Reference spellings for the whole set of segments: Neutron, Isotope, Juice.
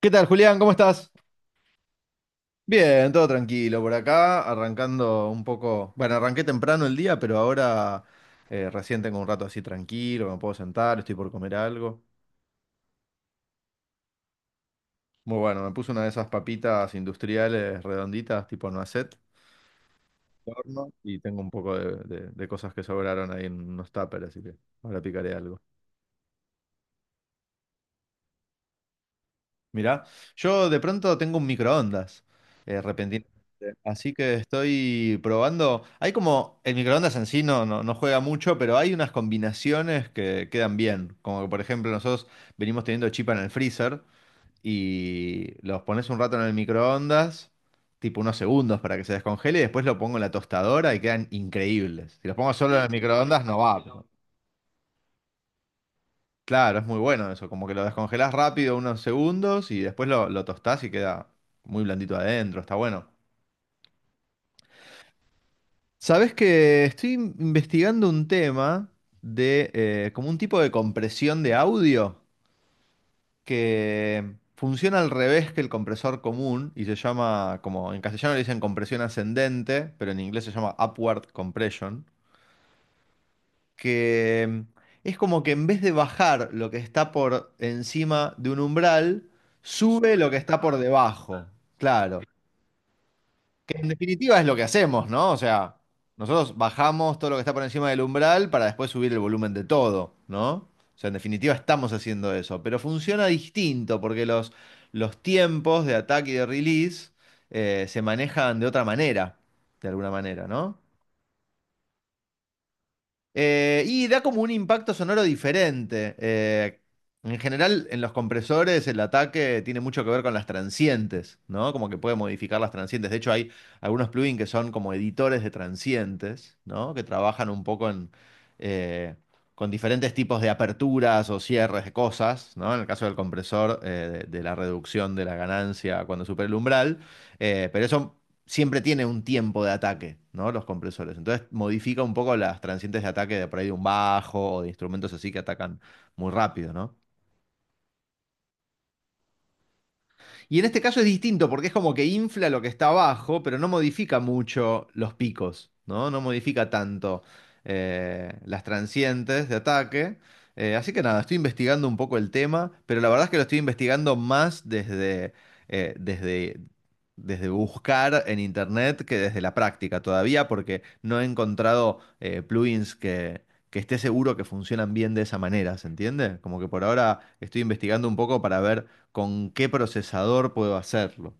¿Qué tal, Julián? ¿Cómo estás? Bien, todo tranquilo por acá, arrancando un poco. Bueno, arranqué temprano el día, pero ahora recién tengo un rato así tranquilo, me puedo sentar, estoy por comer algo. Muy bueno, me puse una de esas papitas industriales redonditas, tipo noisette, al horno, y tengo un poco de cosas que sobraron ahí en unos tuppers, así que ahora picaré algo. Mirá, yo de pronto tengo un microondas, repentinamente. Así que estoy probando. Hay como, el microondas en sí no juega mucho, pero hay unas combinaciones que quedan bien. Como que, por ejemplo, nosotros venimos teniendo chipa en el freezer y los pones un rato en el microondas, tipo unos segundos para que se descongele, y después lo pongo en la tostadora y quedan increíbles. Si los pongo solo en el microondas no va. Claro, es muy bueno eso, como que lo descongelás rápido unos segundos y después lo tostás y queda muy blandito adentro, está bueno. Sabes que estoy investigando un tema de como un tipo de compresión de audio que funciona al revés que el compresor común y se llama, como en castellano le dicen compresión ascendente, pero en inglés se llama upward compression. Que es como que en vez de bajar lo que está por encima de un umbral, sube lo que está por debajo. Claro. Que en definitiva es lo que hacemos, ¿no? O sea, nosotros bajamos todo lo que está por encima del umbral para después subir el volumen de todo, ¿no? O sea, en definitiva estamos haciendo eso, pero funciona distinto porque los tiempos de ataque y de release se manejan de otra manera, de alguna manera, ¿no? Y da como un impacto sonoro diferente. En general, en los compresores el ataque tiene mucho que ver con las transientes, ¿no? Como que puede modificar las transientes. De hecho, hay algunos plugins que son como editores de transientes, ¿no? Que trabajan un poco en, eh, con diferentes tipos de aperturas o cierres de cosas, ¿no? En el caso del compresor, de la reducción de la ganancia cuando supera el umbral. Pero eso siempre tiene un tiempo de ataque, ¿no? Los compresores. Entonces modifica un poco las transientes de ataque de por ahí de un bajo o de instrumentos así que atacan muy rápido, ¿no? Y en este caso es distinto porque es como que infla lo que está abajo, pero no modifica mucho los picos, ¿no? No modifica tanto las transientes de ataque. Así que nada, estoy investigando un poco el tema, pero la verdad es que lo estoy investigando más desde desde buscar en internet que desde la práctica todavía, porque no he encontrado plugins que esté seguro que funcionan bien de esa manera, ¿se entiende? Como que por ahora estoy investigando un poco para ver con qué procesador puedo hacerlo.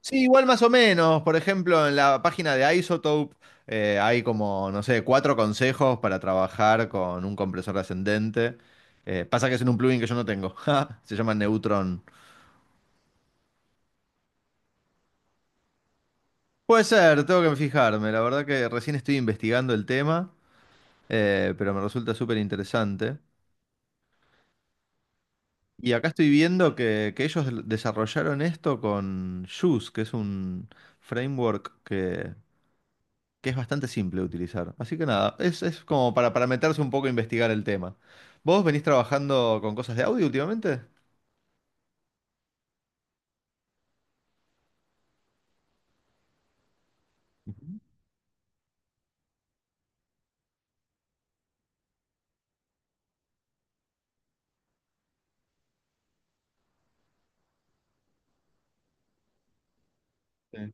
Sí, igual más o menos. Por ejemplo, en la página de Isotope hay como, no sé, cuatro consejos para trabajar con un compresor ascendente. Pasa que es en un plugin que yo no tengo. Ja, se llama Neutron. Puede ser, tengo que fijarme. La verdad que recién estoy investigando el tema, pero me resulta súper interesante. Y acá estoy viendo que ellos desarrollaron esto con Juice, que es un framework que es bastante simple de utilizar. Así que nada, es como para meterse un poco a investigar el tema. ¿Vos venís trabajando con cosas de audio últimamente? Sí.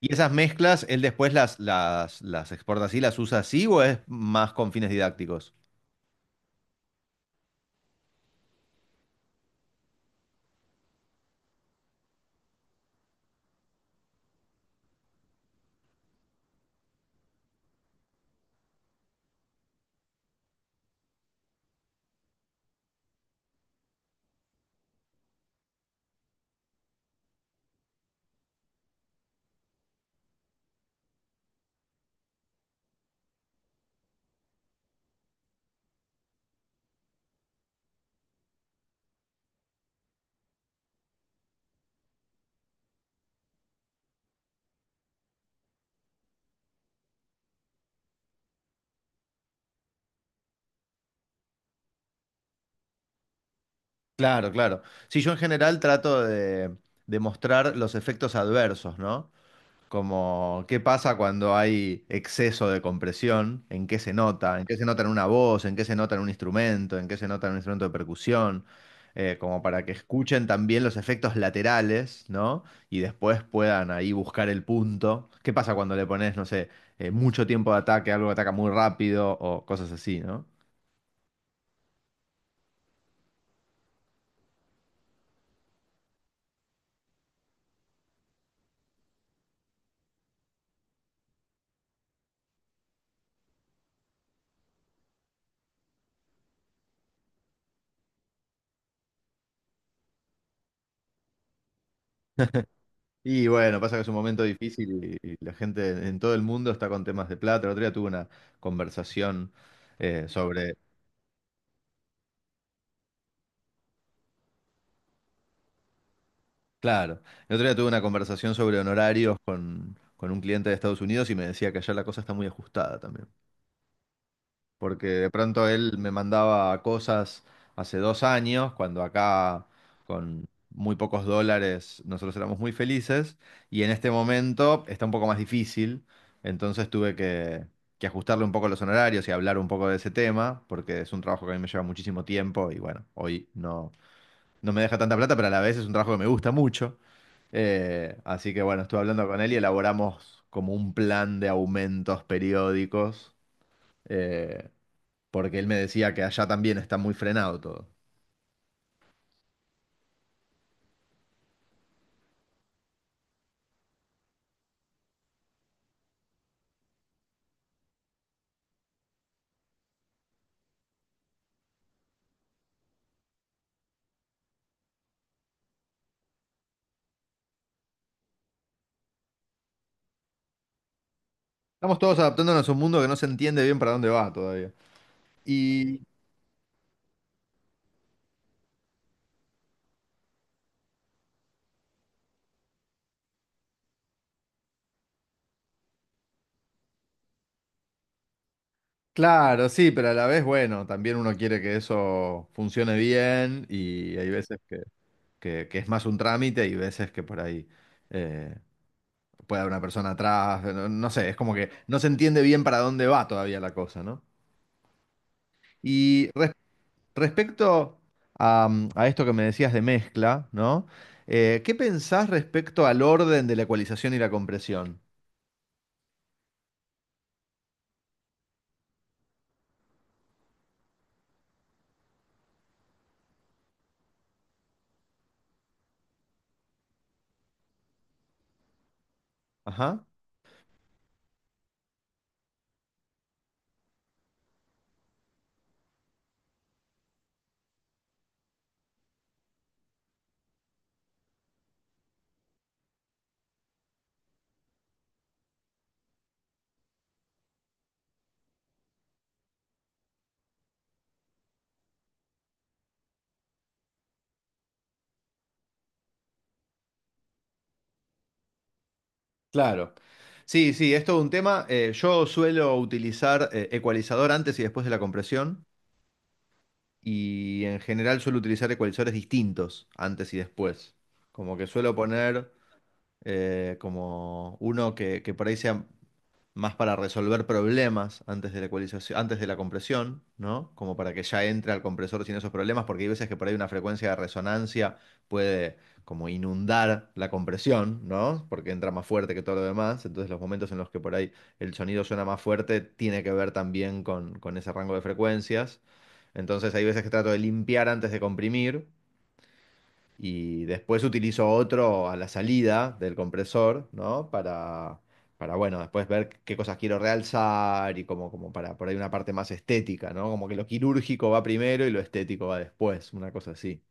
¿Y esas mezclas, él después las exporta así, las usa así o es más con fines didácticos? Claro, claro. Sí, yo en general trato de mostrar los efectos adversos, ¿no? Como, ¿qué pasa cuando hay exceso de compresión? ¿En qué se nota? ¿En qué se nota en una voz? ¿En qué se nota en un instrumento? ¿En qué se nota en un instrumento de percusión? Como para que escuchen también los efectos laterales, ¿no? Y después puedan ahí buscar el punto. ¿Qué pasa cuando le pones, no sé, mucho tiempo de ataque, algo que ataca muy rápido o cosas así, ¿no? Y bueno, pasa que es un momento difícil y la gente en todo el mundo está con temas de plata. El otro día tuve una conversación sobre. Claro. El otro día tuve una conversación sobre honorarios con un cliente de Estados Unidos y me decía que allá la cosa está muy ajustada también. Porque de pronto él me mandaba cosas hace 2 años, cuando acá con muy pocos dólares nosotros éramos muy felices, y en este momento está un poco más difícil. Entonces tuve que ajustarle un poco los honorarios y hablar un poco de ese tema, porque es un trabajo que a mí me lleva muchísimo tiempo y bueno, hoy no, no me deja tanta plata, pero a la vez es un trabajo que me gusta mucho. Así que bueno, estuve hablando con él y elaboramos como un plan de aumentos periódicos, eh, porque él me decía que allá también está muy frenado todo. Estamos todos adaptándonos a un mundo que no se entiende bien para dónde va todavía. Y claro, sí, pero a la vez, bueno, también uno quiere que eso funcione bien y hay veces que, que es más un trámite y veces que por ahí... eh, puede haber una persona atrás, no, no sé, es como que no se entiende bien para dónde va todavía la cosa, ¿no? Y res- Respecto a, a esto que me decías de mezcla, ¿no? ¿Qué pensás respecto al orden de la ecualización y la compresión? Ajá. Claro. Sí, sí, es todo un tema. Yo suelo utilizar ecualizador antes y después de la compresión y en general suelo utilizar ecualizadores distintos antes y después. Como que suelo poner como uno que por ahí sea más para resolver problemas antes de la ecualización, antes de la compresión, ¿no? Como para que ya entre al compresor sin esos problemas, porque hay veces que por ahí una frecuencia de resonancia puede como inundar la compresión, ¿no? Porque entra más fuerte que todo lo demás, entonces los momentos en los que por ahí el sonido suena más fuerte tiene que ver también con ese rango de frecuencias, entonces hay veces que trato de limpiar antes de comprimir y después utilizo otro a la salida del compresor, ¿no? Para bueno, después ver qué cosas quiero realzar y como, como para por ahí una parte más estética, ¿no? Como que lo quirúrgico va primero y lo estético va después, una cosa así.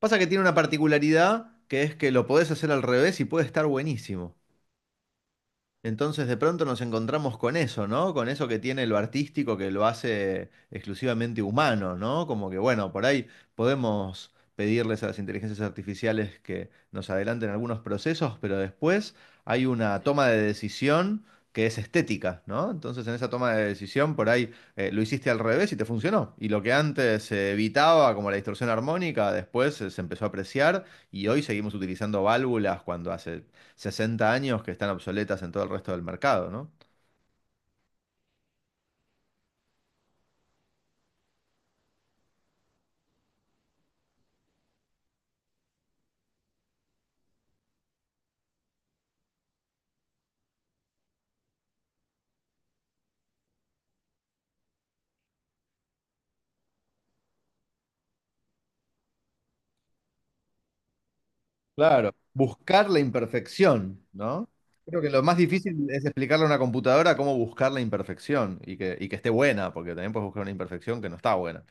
Pasa que tiene una particularidad que es que lo podés hacer al revés y puede estar buenísimo. Entonces de pronto nos encontramos con eso, ¿no? Con eso que tiene lo artístico que lo hace exclusivamente humano, ¿no? Como que bueno, por ahí podemos pedirles a las inteligencias artificiales que nos adelanten algunos procesos, pero después hay una toma de decisión que es estética, ¿no? Entonces en esa toma de decisión por ahí lo hiciste al revés y te funcionó. Y lo que antes se evitaba como la distorsión armónica, después se empezó a apreciar y hoy seguimos utilizando válvulas cuando hace 60 años que están obsoletas en todo el resto del mercado, ¿no? Claro. Buscar la imperfección, ¿no? Creo que lo más difícil es explicarle a una computadora cómo buscar la imperfección y que esté buena, porque también puedes buscar una imperfección que no está buena,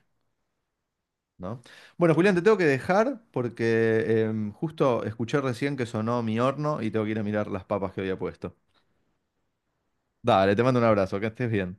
¿no? Bueno, Julián, te tengo que dejar porque justo escuché recién que sonó mi horno y tengo que ir a mirar las papas que había puesto. Dale, te mando un abrazo, que estés bien.